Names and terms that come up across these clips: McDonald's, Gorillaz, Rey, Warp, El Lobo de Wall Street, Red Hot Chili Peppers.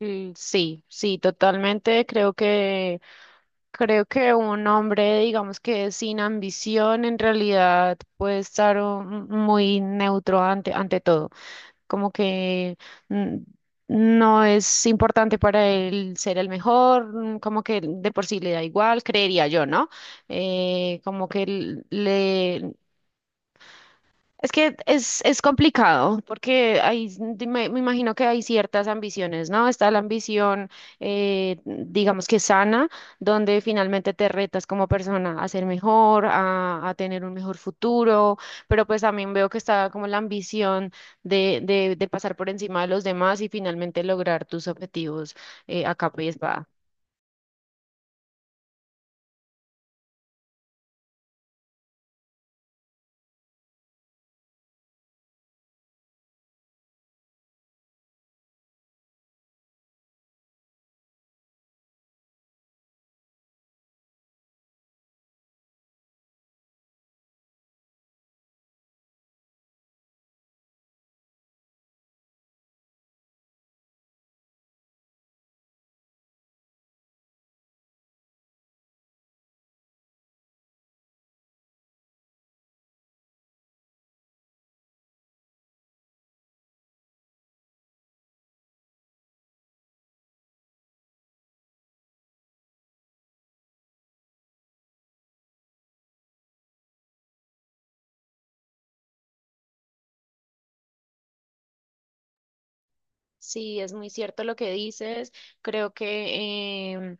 Sí, sí, totalmente. Creo que un hombre, digamos que sin ambición, en realidad puede estar muy neutro ante todo. Como que mm, no es importante para él ser el mejor, mm, como que de por sí le da igual, creería yo, ¿no? Como que le es que es complicado porque me imagino que hay ciertas ambiciones, ¿no? Está la ambición, digamos que sana, donde finalmente te retas como persona a ser mejor, a tener un mejor futuro, pero pues también veo que está como la ambición de pasar por encima de los demás y finalmente lograr tus objetivos a capa y espada. Sí, es muy cierto lo que dices. Creo que em,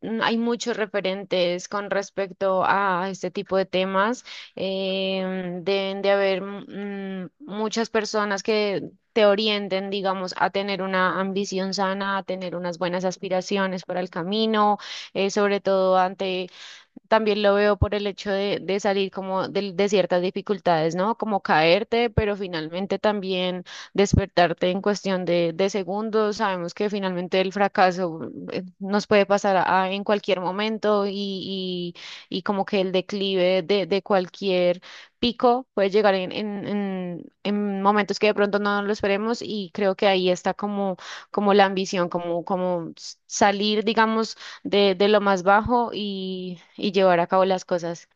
mm, hay muchos referentes con respecto a este tipo de temas. Deben de haber muchas personas que te orienten, digamos, a tener una ambición sana, a tener unas buenas aspiraciones para el camino, sobre todo ante también lo veo por el hecho de salir como de ciertas dificultades, ¿no? Como caerte, pero finalmente también despertarte en cuestión de segundos. Sabemos que finalmente el fracaso nos puede pasar en cualquier momento y como que el declive de cualquier pico puede llegar en momentos que de pronto no lo esperemos, y creo que ahí está como, como la ambición, como, como salir, digamos de lo más bajo y llevar a cabo las cosas.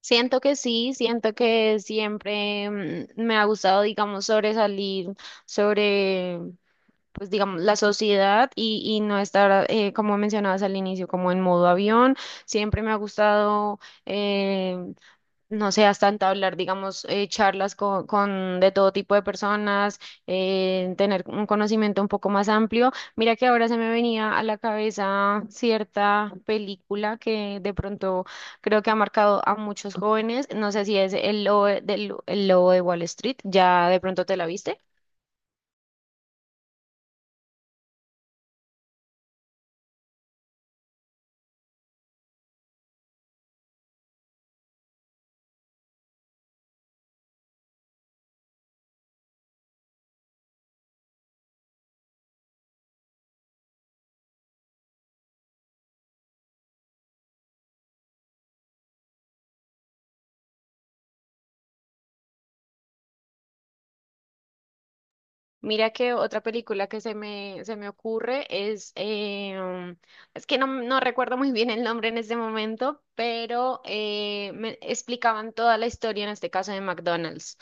Siento que sí, siento que siempre me ha gustado, digamos, sobresalir sobre, pues, digamos, la sociedad y no estar, como mencionabas al inicio, como en modo avión. Siempre me ha gustado eh, no seas hasta hablar, digamos, charlas con de todo tipo de personas, tener un conocimiento un poco más amplio. Mira que ahora se me venía a la cabeza cierta película que de pronto creo que ha marcado a muchos jóvenes. No sé si es El Lobo El Lobo de Wall Street, ¿ya de pronto te la viste? Mira que otra película que se me ocurre es, es que no, no recuerdo muy bien el nombre en este momento, pero me explicaban toda la historia, en este caso de McDonald's.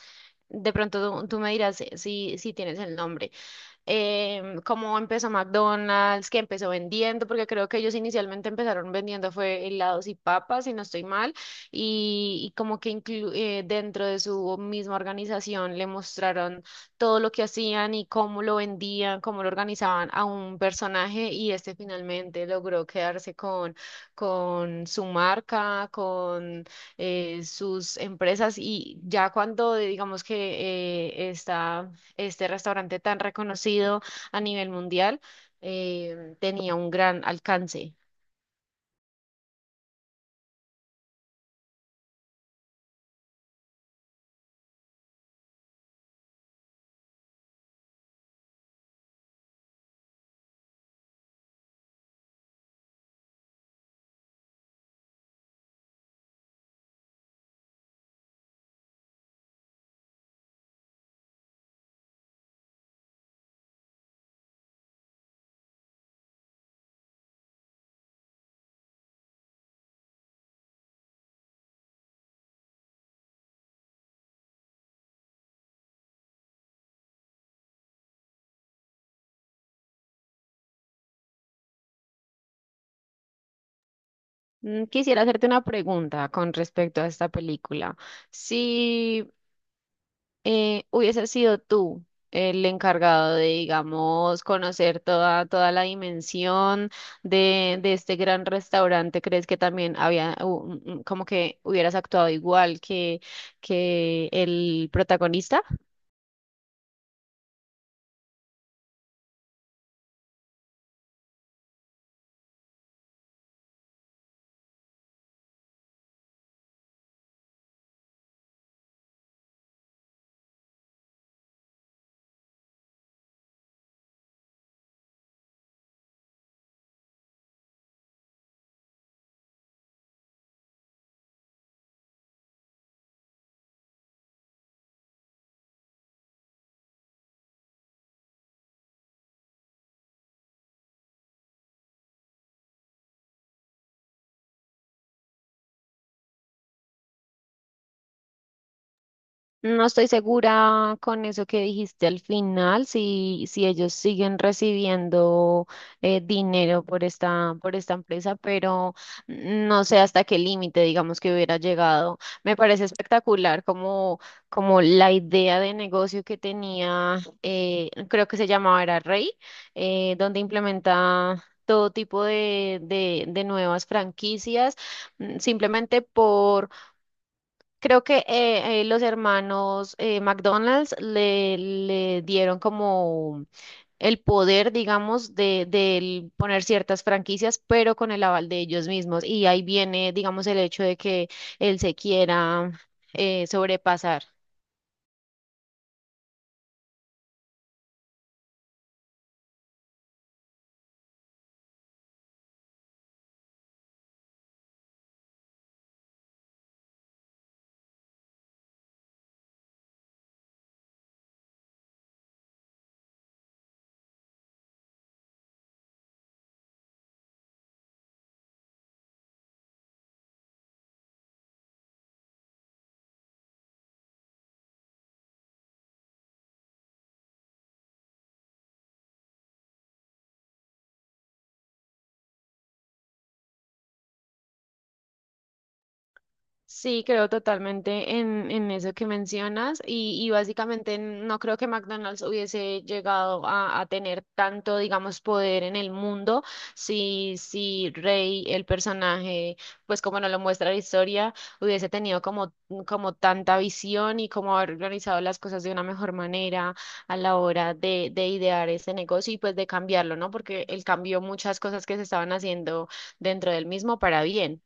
De pronto tú me dirás si, si tienes el nombre, cómo empezó McDonald's, que empezó vendiendo, porque creo que ellos inicialmente empezaron vendiendo fue helados y papas, si no estoy mal, y como que dentro de su misma organización le mostraron todo lo que hacían y cómo lo vendían, cómo lo organizaban a un personaje, y este finalmente logró quedarse con su marca, con sus empresas, y ya cuando digamos que está este restaurante tan reconocido a nivel mundial, tenía un gran alcance. Quisiera hacerte una pregunta con respecto a esta película. Si hubiese sido tú el encargado de, digamos, conocer toda, toda la dimensión de este gran restaurante, ¿crees que también había, como que hubieras actuado igual que el protagonista? No estoy segura con eso que dijiste al final, si, si ellos siguen recibiendo dinero por esta empresa, pero no sé hasta qué límite, digamos, que hubiera llegado. Me parece espectacular como, como la idea de negocio que tenía, creo que se llamaba era Rey, donde implementa todo tipo de, de nuevas franquicias, simplemente por creo que los hermanos McDonald's le dieron como el poder, digamos, de, del poner ciertas franquicias, pero con el aval de ellos mismos. Y ahí viene, digamos, el hecho de que él se quiera sobrepasar. Sí, creo totalmente en eso que mencionas, y básicamente no creo que McDonald's hubiese llegado a tener tanto, digamos, poder en el mundo si, si Rey, el personaje, pues como nos lo muestra la historia, hubiese tenido como, como tanta visión y como haber organizado las cosas de una mejor manera a la hora de idear ese negocio y pues de cambiarlo, ¿no? Porque él cambió muchas cosas que se estaban haciendo dentro del mismo para bien.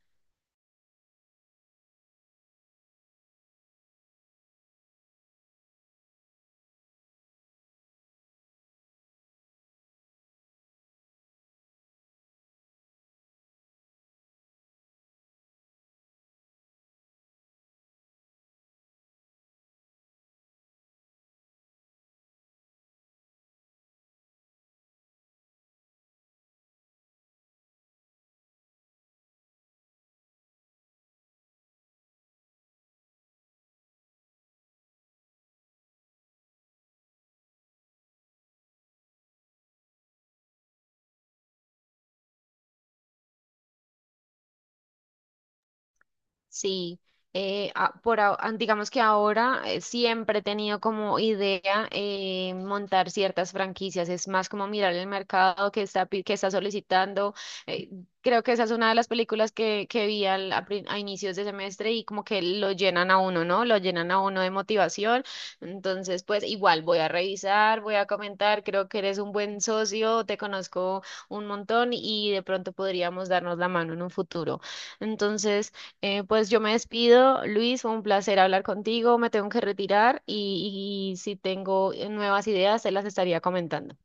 Sí, digamos que ahora siempre he tenido como idea montar ciertas franquicias, es más como mirar el mercado que está, que está solicitando. eh, Creo que esa es una de las películas que vi a inicios de semestre y como que lo llenan a uno, ¿no? Lo llenan a uno de motivación. Entonces, pues igual voy a revisar, voy a comentar, creo que eres un buen socio, te conozco un montón y de pronto podríamos darnos la mano en un futuro. Entonces... pues yo me despido, Luis, fue un placer hablar contigo, me tengo que retirar, y si tengo nuevas ideas, se las estaría comentando.